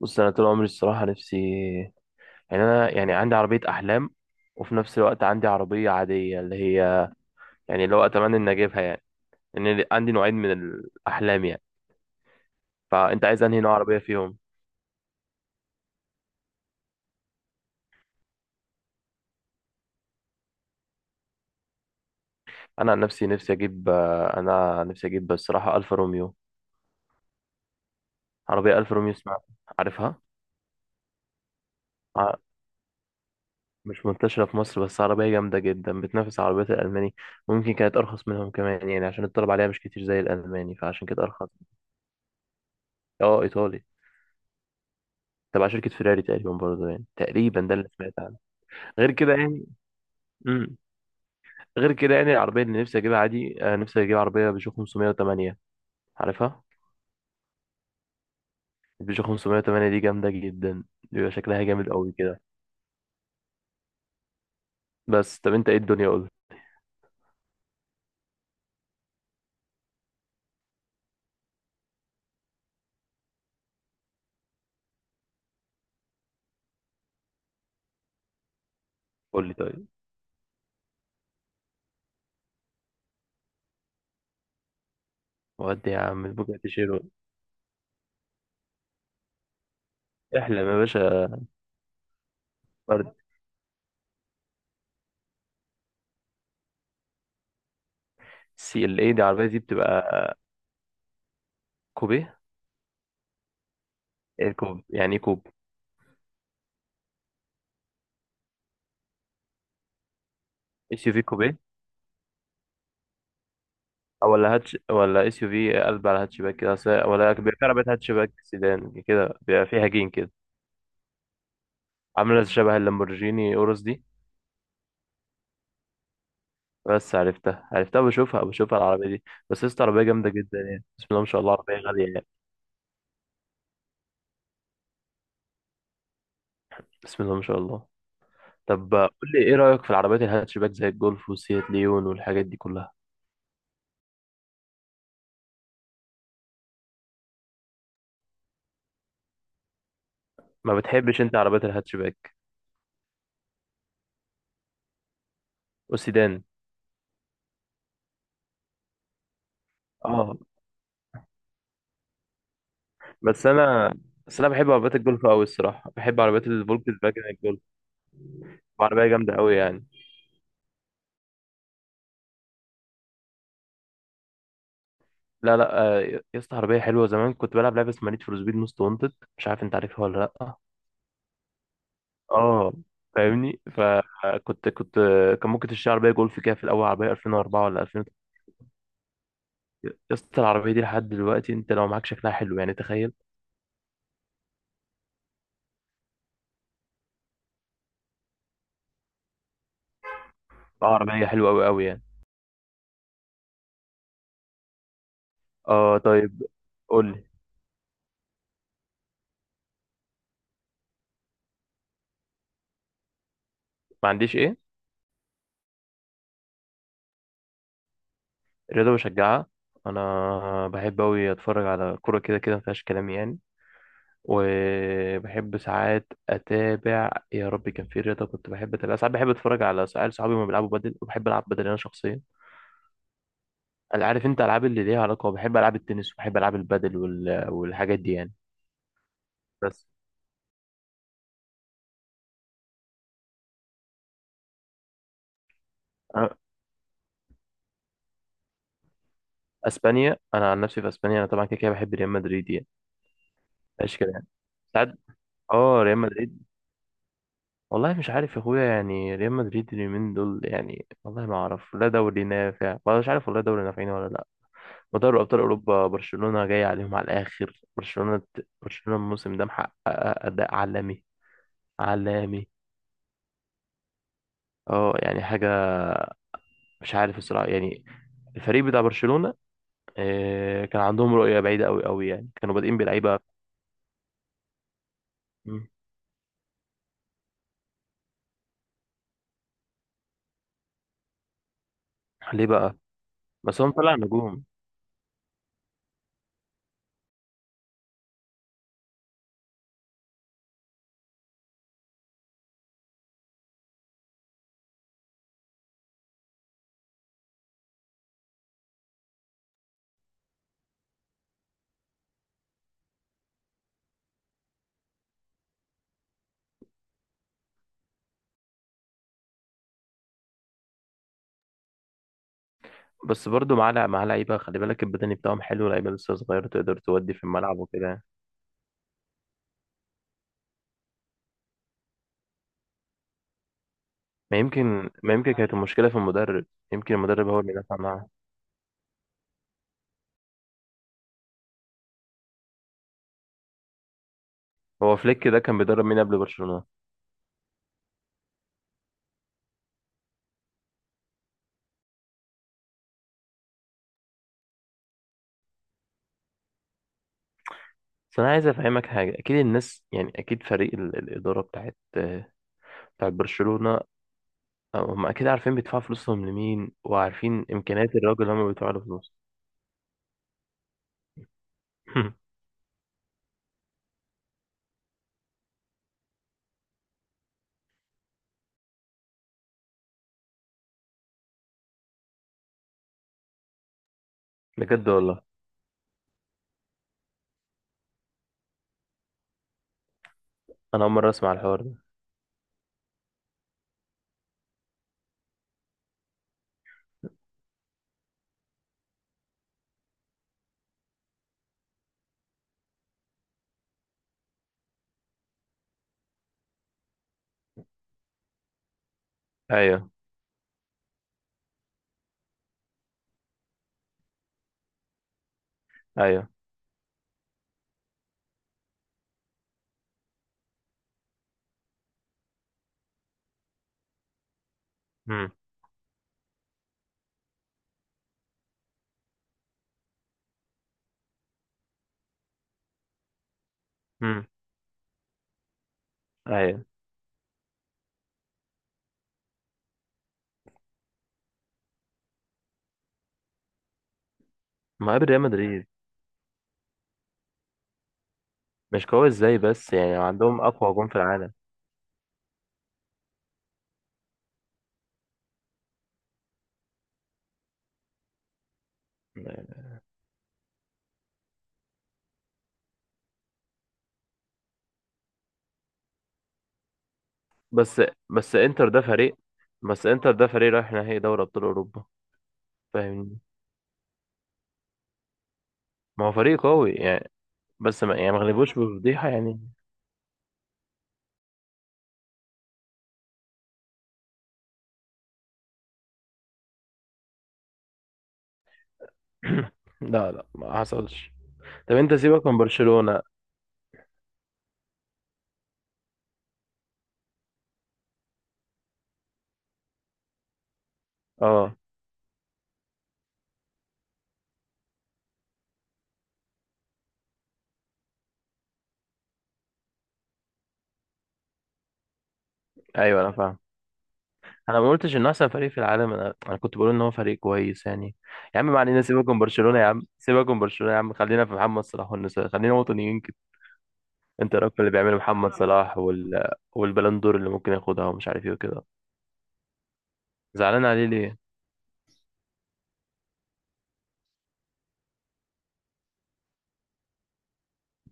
بص، انا طول عمري الصراحه نفسي يعني انا يعني عندي عربيه احلام. وفي نفس الوقت عندي عربيه عاديه اللي هي يعني اللي هو اتمنى ان اجيبها يعني. لان عندي نوعين من الاحلام يعني. فانت عايز انهي نوع عربيه فيهم؟ انا عن نفسي نفسي اجيب، انا نفسي اجيب الصراحه الفا روميو. عربيه الفا روميو اسمها. عارفها. ع- مش منتشره في مصر بس عربيه جامده جدا بتنافس عربيات الالماني. وممكن كانت ارخص منهم كمان يعني عشان الطلب عليها مش كتير زي الالماني فعشان كده ارخص. اه ايطالي. تبع شركة فيراري تقريبا برضه يعني. تقريبا ده اللي سمعت عنه. غير كده يعني. امم غير كده يعني العربية اللي نفسي أجيبها عادي، نفسي أجيب عربية بيجو 508. عارفها. البيجو 508 دي جامدة جدا. بيبقى شكلها جامد قوي كده. بس طب أنت إيه الدنيا؟ قول لي طيب. ودي يا عم البوجاتي شيرو. احلم يا باشا. برد. سي ال اي دي العربية دي بتبقى كوبيه. ايه كوب يعني؟ ايه كوب؟ اس يو في كوبيه؟ أو ولا هاتش ولا اس يو في قلب على هاتشباك كده ولا بيبقى في عربية هاتشباك سيدان كده بيبقى فيها جين كده. عامله شبه اللامبورجيني اوروس دي. بس عرفتها عرفتها بشوفها بشوفها العربيه دي. بس لسه عربيه جامده جدا يعني، بسم الله ما شاء الله، عربيه غاليه يعني. بسم الله ما شاء الله. طب قول لي ايه رايك في العربيات الهاتشباك زي الجولف وسيات ليون والحاجات دي كلها؟ ما بتحبش انت عربيات الهاتشباك؟ والسيدان. اه. بس انا بس انا بحب عربيات الجولف قوي الصراحه. بحب عربيات الفولكس فاجن الجولف. عربيه جامده قوي يعني. لا لا، يا اسطى عربيه حلوه. زمان كنت بلعب لعبه اسمها نيد فور سبيد موست وانتد. مش عارف انت عارفها ولا لا. اه فاهمني. فكنت كان ممكن تشتري عربيه جولف كده في الاول، عربيه 2004 ولا 2000. يا اسطى العربيه دي لحد دلوقتي انت لو معاك شكلها حلو يعني، تخيل. اه عربيه حلوه قوي قوي يعني. اه طيب. قول لي. ما عنديش ايه؟ رياضه بشجعها؟ انا بحب قوي اتفرج على كوره كده كده، ما فيهاش كلام يعني. وبحب ساعات اتابع، يا ربي كان في رياضه كنت بحب اتابع. ساعات بحب اتفرج على سؤال صحابي ما بيلعبوا بدل، وبحب العب بدل انا شخصيا. أنا عارف انت العاب اللي ليها علاقه، بحب العاب التنس وبحب العاب البادل والحاجات دي يعني. بس أنا. اسبانيا؟ انا عن نفسي في اسبانيا انا طبعا كده كده بحب ريال مدريد يعني. مفيهاش كده يعني. ساعات. اه ريال مدريد. والله مش عارف يا اخويا يعني، ريال مدريد اليومين دول يعني والله ما اعرف لا دوري نافع ولا مش عارف، والله دوري نافعين ولا لا. ودوري ابطال اوروبا برشلونه جاي عليهم على الاخر. برشلونه برشلونه الموسم ده محقق اداء عالمي. عالمي. اه يعني حاجه، مش عارف الصراحه يعني. الفريق بتاع برشلونه، كان عندهم رؤية بعيدة قوي قوي يعني، كانوا بادئين بلعيبة. مم. ليه بقى؟ بس هم طلع نجوم. بس برضه مع لعيبة خلي بالك، البدني بتاعهم حلو، لعيبة لسه صغيرة تقدر تودي في الملعب وكده يعني. ما يمكن كانت المشكلة في المدرب. يمكن المدرب هو اللي دفع معاه. هو فليك ده كان بيدرب مين قبل برشلونة؟ بس أنا عايز أفهمك حاجة، أكيد الناس يعني، أكيد فريق الإدارة بتاعت برشلونة، هم أكيد عارفين بيدفعوا فلوسهم لمين وعارفين إمكانيات الراجل اللي هم بيدفعوا له فلوس. بجد والله؟ أنا أول مرة أسمع الحوار ده. ايوه. ايوه. امم. امم. ايوه. ما قبل ريال مدريد؟ مش قوي ازاي بس يعني عندهم اقوى هجوم في العالم. يعني. بس بس انتر ده فريق. بس انتر ده فريق رايح نهائي دوري ابطال اوروبا. فاهمني، ما هو فريق قوي يعني. بس ما يعني ما غلبوش بفضيحه يعني. لا لا، ما حصلش. طب انت سيبك من برشلونه. اه، ايوه انا فاهم. انا ما قلتش انه احسن فريق في العالم، انا كنت بقول ان هو فريق كويس يعني. يا عم ما علينا، سيبك من برشلونه يا عم، سيبك من برشلونه يا عم، خلينا في محمد صلاح والنساء، خلينا وطنيين. انت رأيك في اللي بيعمله محمد صلاح والبلندور اللي ممكن ياخدها ومش عارف ايه وكده؟ زعلان عليه ليه؟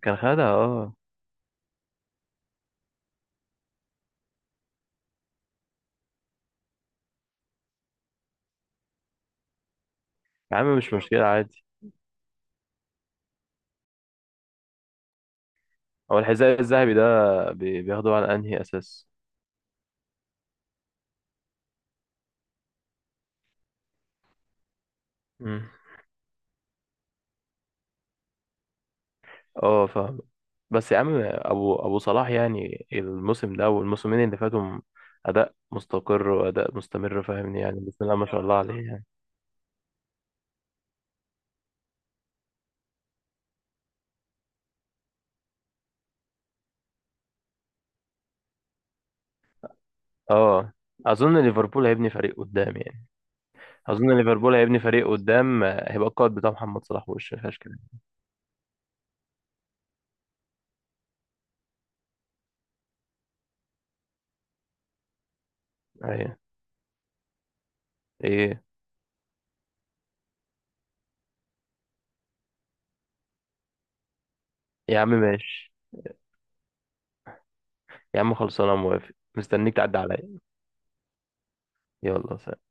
كان خدها اه. يا عم مش مشكلة عادي. هو الحذاء الذهبي ده بياخدوه على انهي اساس؟ مم. اه فاهم. بس يا عم ابو صلاح يعني الموسم ده والموسمين اللي فاتوا، اداء مستقر واداء مستمر، فاهمني يعني، بسم الله ما شاء الله عليه يعني. اه اظن ليفربول هيبني فريق قدام يعني. اظن ليفربول هيبني فريق قدام، هيبقى القائد بتاع محمد صلاح وش ما فيهاش كده. ايوه. ايه. يا عم ماشي. يا عم خلصانه، موافق، مستنيك تعدي عليا. يلا سلام.